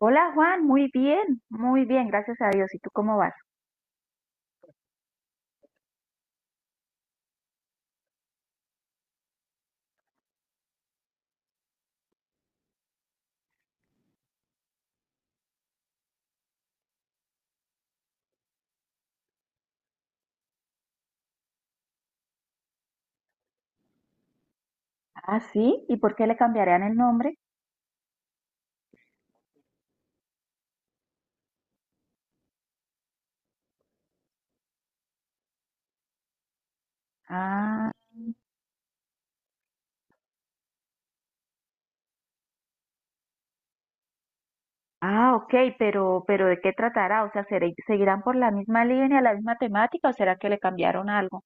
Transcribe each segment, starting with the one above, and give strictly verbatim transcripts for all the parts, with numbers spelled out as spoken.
Hola Juan, muy bien, muy bien, gracias a Dios. ¿Y tú cómo vas? Ah, sí, ¿y por qué le cambiarían el nombre? Ah, ah, ok, pero, pero ¿de qué tratará? O sea, ¿seré- ¿seguirán por la misma línea, la misma temática o será que le cambiaron algo?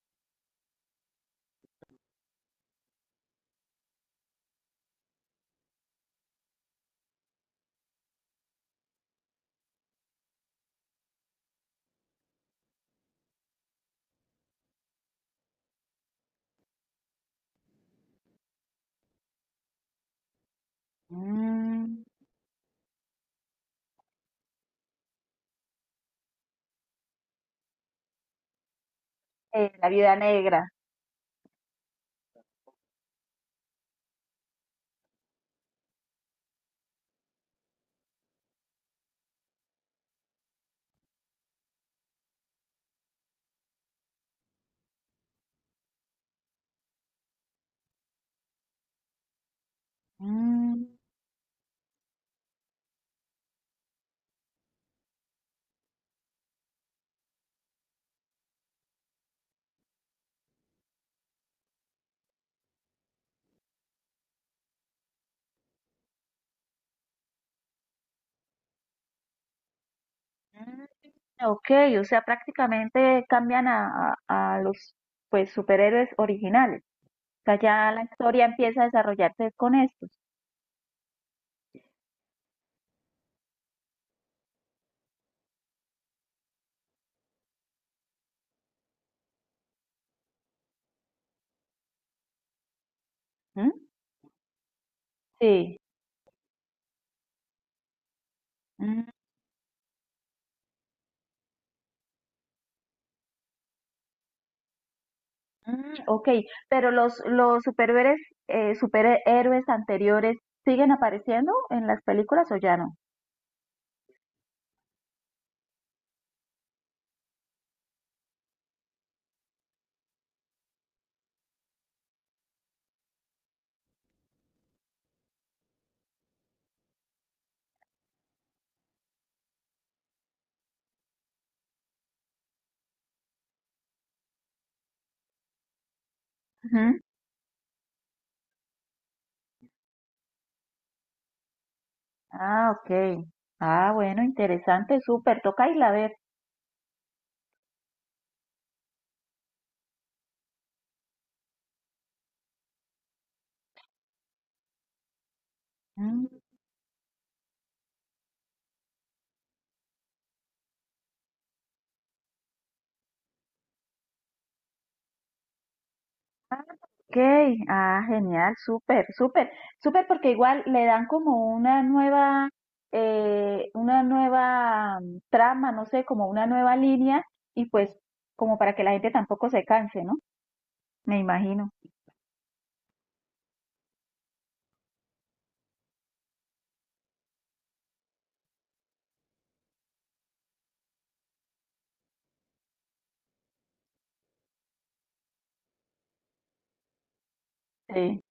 Mm, eh, la vida negra. Mm, mm. Ok, o sea, prácticamente cambian a, a- a los pues superhéroes originales. O sea, ya la historia empieza a desarrollarse con estos. ¿Mm? Sí. Mm, mm, ok, pero los, los superhéroes, eh, superhéroes anteriores siguen apareciendo en las películas o ya no? Ujú. Ah, ok. Ah, bueno, interesante, súper. Toca irla a ver. Mm. Okay, ah, genial, súper, súper, súper, porque igual le dan como una nueva, eh, una nueva mm, trama, no sé, como una nueva línea, y pues como para que la gente tampoco se canse, ¿no? Me imagino. Sí.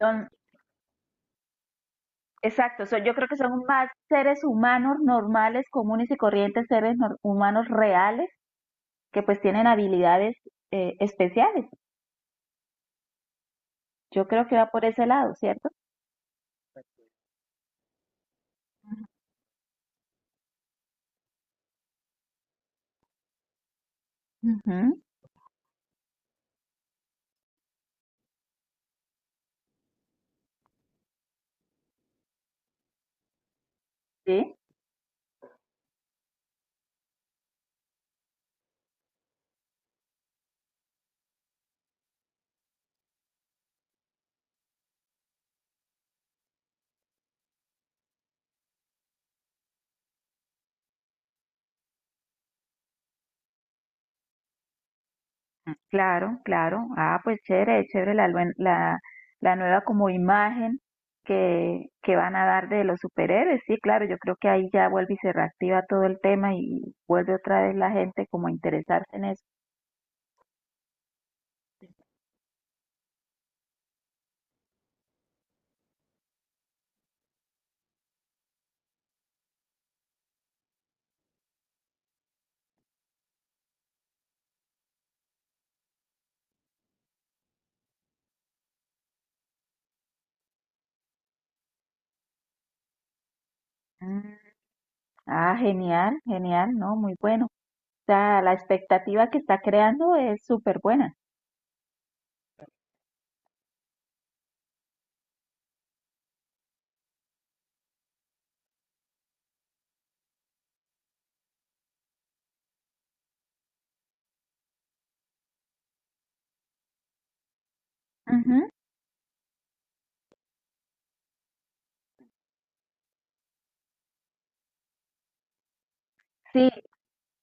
Son, exacto, son, yo creo que son más seres humanos normales, comunes y corrientes, seres nor- humanos reales, que pues tienen habilidades eh, especiales. Yo creo que va por ese lado, ¿cierto? Ujú, sí. Claro, claro. Ah, pues chévere, chévere la, luen- la, la nueva como imagen que, que van a dar de los superhéroes. Sí, claro, yo creo que ahí ya vuelve y se reactiva todo el tema y vuelve otra vez la gente como a interesarse en eso. Mm. Ah, genial, genial, ¿no? Muy bueno. O sea, la expectativa que está creando es súper buena. Ujú. Sí,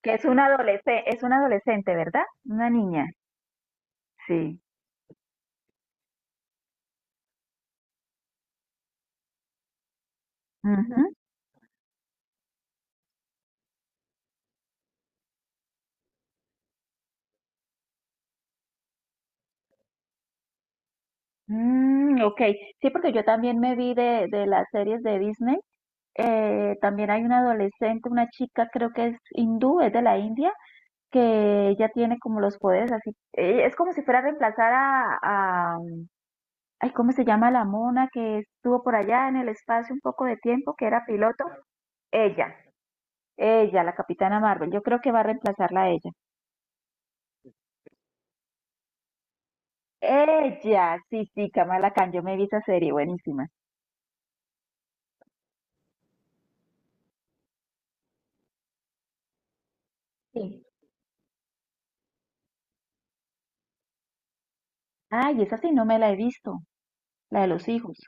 que es una adolescente, es una adolescente, ¿verdad? Una niña. Sí. Ujú. Mm, ok, sí, porque yo también me vi de, de las series de Disney. Eh, también hay una adolescente, una chica, creo que es hindú, es de la India, que ella tiene como los poderes así. Eh, es como si fuera a reemplazar a, a, um, ay, ¿cómo se llama la mona que estuvo por allá en el espacio un poco de tiempo, que era piloto? Ella, ella, la Capitana Marvel. Yo creo que va a reemplazarla a ella. Ella, sí, sí, Kamala Khan, yo me vi esa serie, buenísima. Sí. Ay, esa sí no me la he visto, la de los hijos.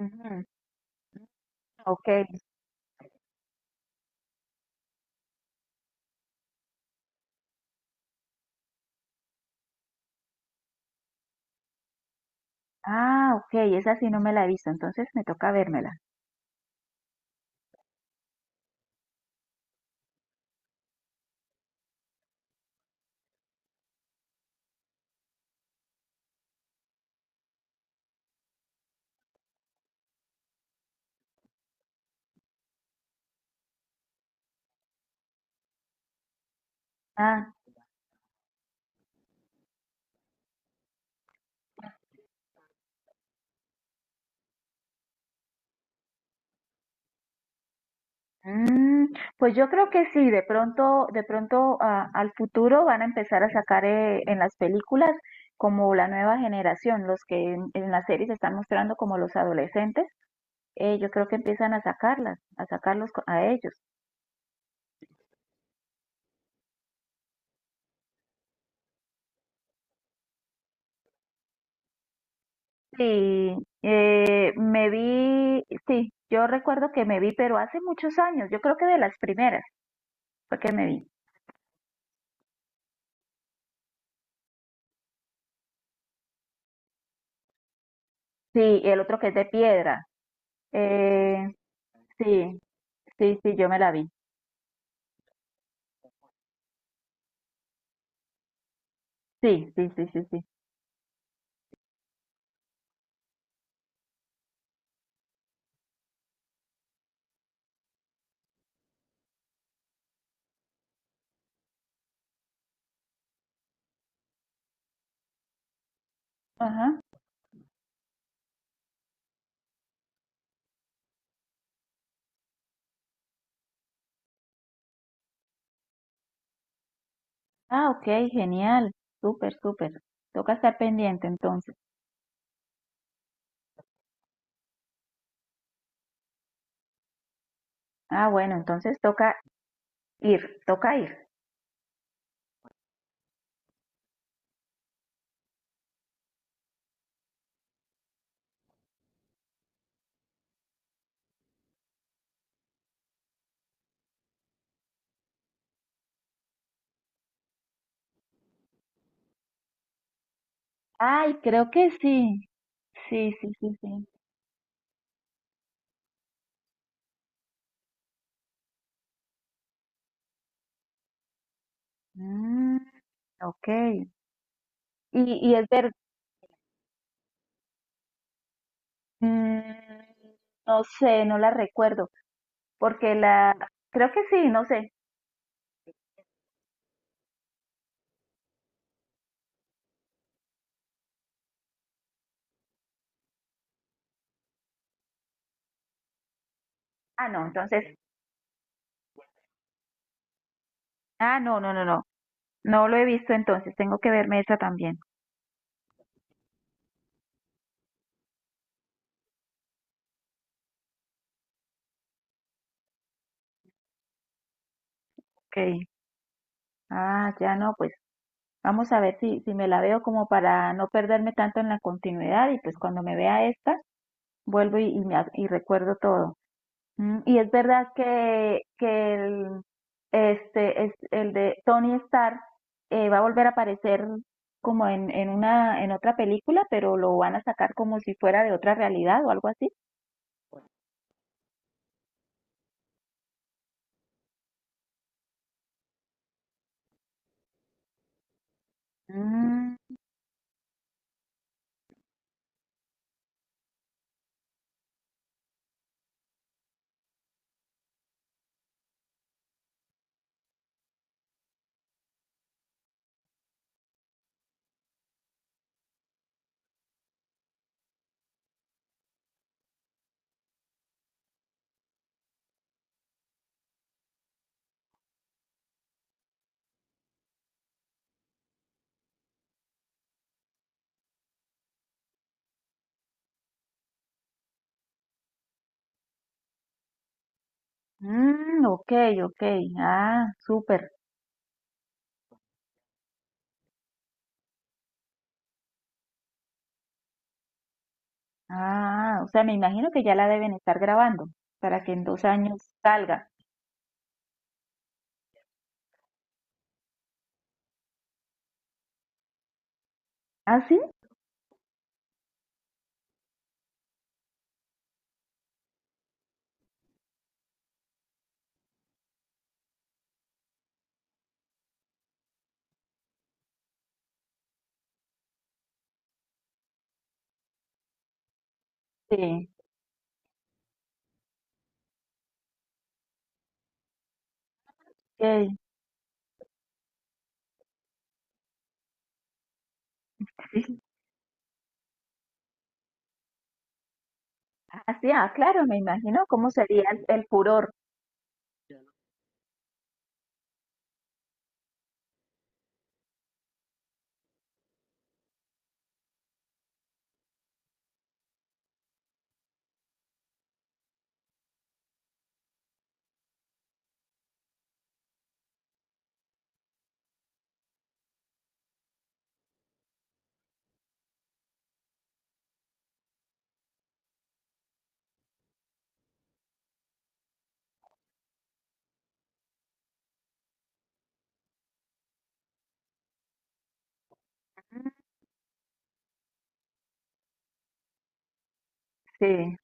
Ujú. Okay. Ah, okay, esa sí no me la he visto, entonces me toca vérmela. Ah, mm, pues yo creo que sí, de pronto, de pronto ah, al futuro van a empezar a sacar eh, en las películas como la nueva generación, los que en, en las series están mostrando como los adolescentes, eh, yo creo que empiezan a sacarlas, a sacarlos co- a ellos. Sí, eh, me vi, sí, yo recuerdo que me vi, pero hace muchos años, yo creo que de las primeras fue que me vi. Sí, y el otro que es de piedra. Eh, sí, sí, sí, yo me la vi. Sí, sí, sí, sí, sí. Ajá. Ah, ok, genial. Súper, súper. Toca estar pendiente entonces. Ah, bueno, entonces toca ir, toca ir. Ay, creo que sí. Sí, sí, sí, sí. Mm, ok. Y, y es ver, mm, no sé, no la recuerdo, porque la, creo que sí, no sé. Ah, no, entonces, ah, no, no, no, no. No lo he visto entonces, tengo que verme esa también. Ok. Ah, ya no, pues vamos a ver si, si me la veo como para no perderme tanto en la continuidad y pues cuando me vea esta, vuelvo y, y, me ac- y recuerdo todo. Mm, y es verdad que, que el, este, es, el de Tony Stark eh, va a volver a aparecer como en, en una, en otra película, pero lo van a sacar como si fuera de otra realidad o algo así. Mm, mm, ok, ok, ah, súper. Ah, o sea, me imagino que ya la deben estar grabando para que en dos años salga. ¿Ah, sí? Sí, ok. Ah, sí, ah, claro, me imagino cómo sería el, el furor. Sí.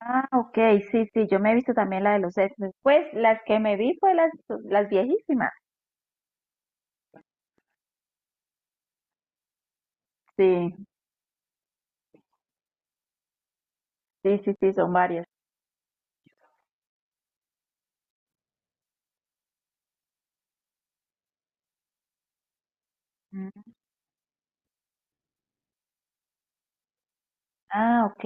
Ah, ok, sí, sí, yo me he visto también la de los ex. Pues las que me vi fue las, las viejísimas. Sí, sí, sí, sí, son varias. Mm. Ah, ok.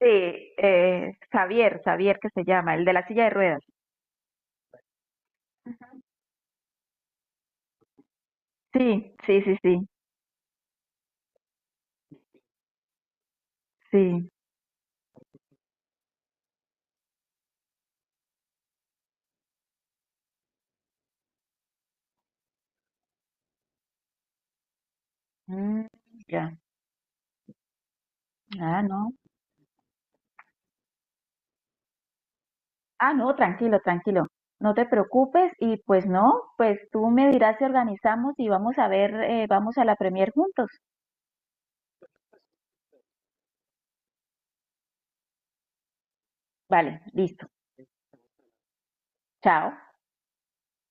Sí, eh, Xavier, Xavier que se llama, el de la silla de ruedas. Sí, sí, sí, sí, sí. Mm, ya. Ah, no. Ah, no, tranquilo, tranquilo. No te preocupes y pues no, pues tú me dirás si organizamos y vamos a ver, eh, vamos a la premier juntos. Vale, listo. Chao.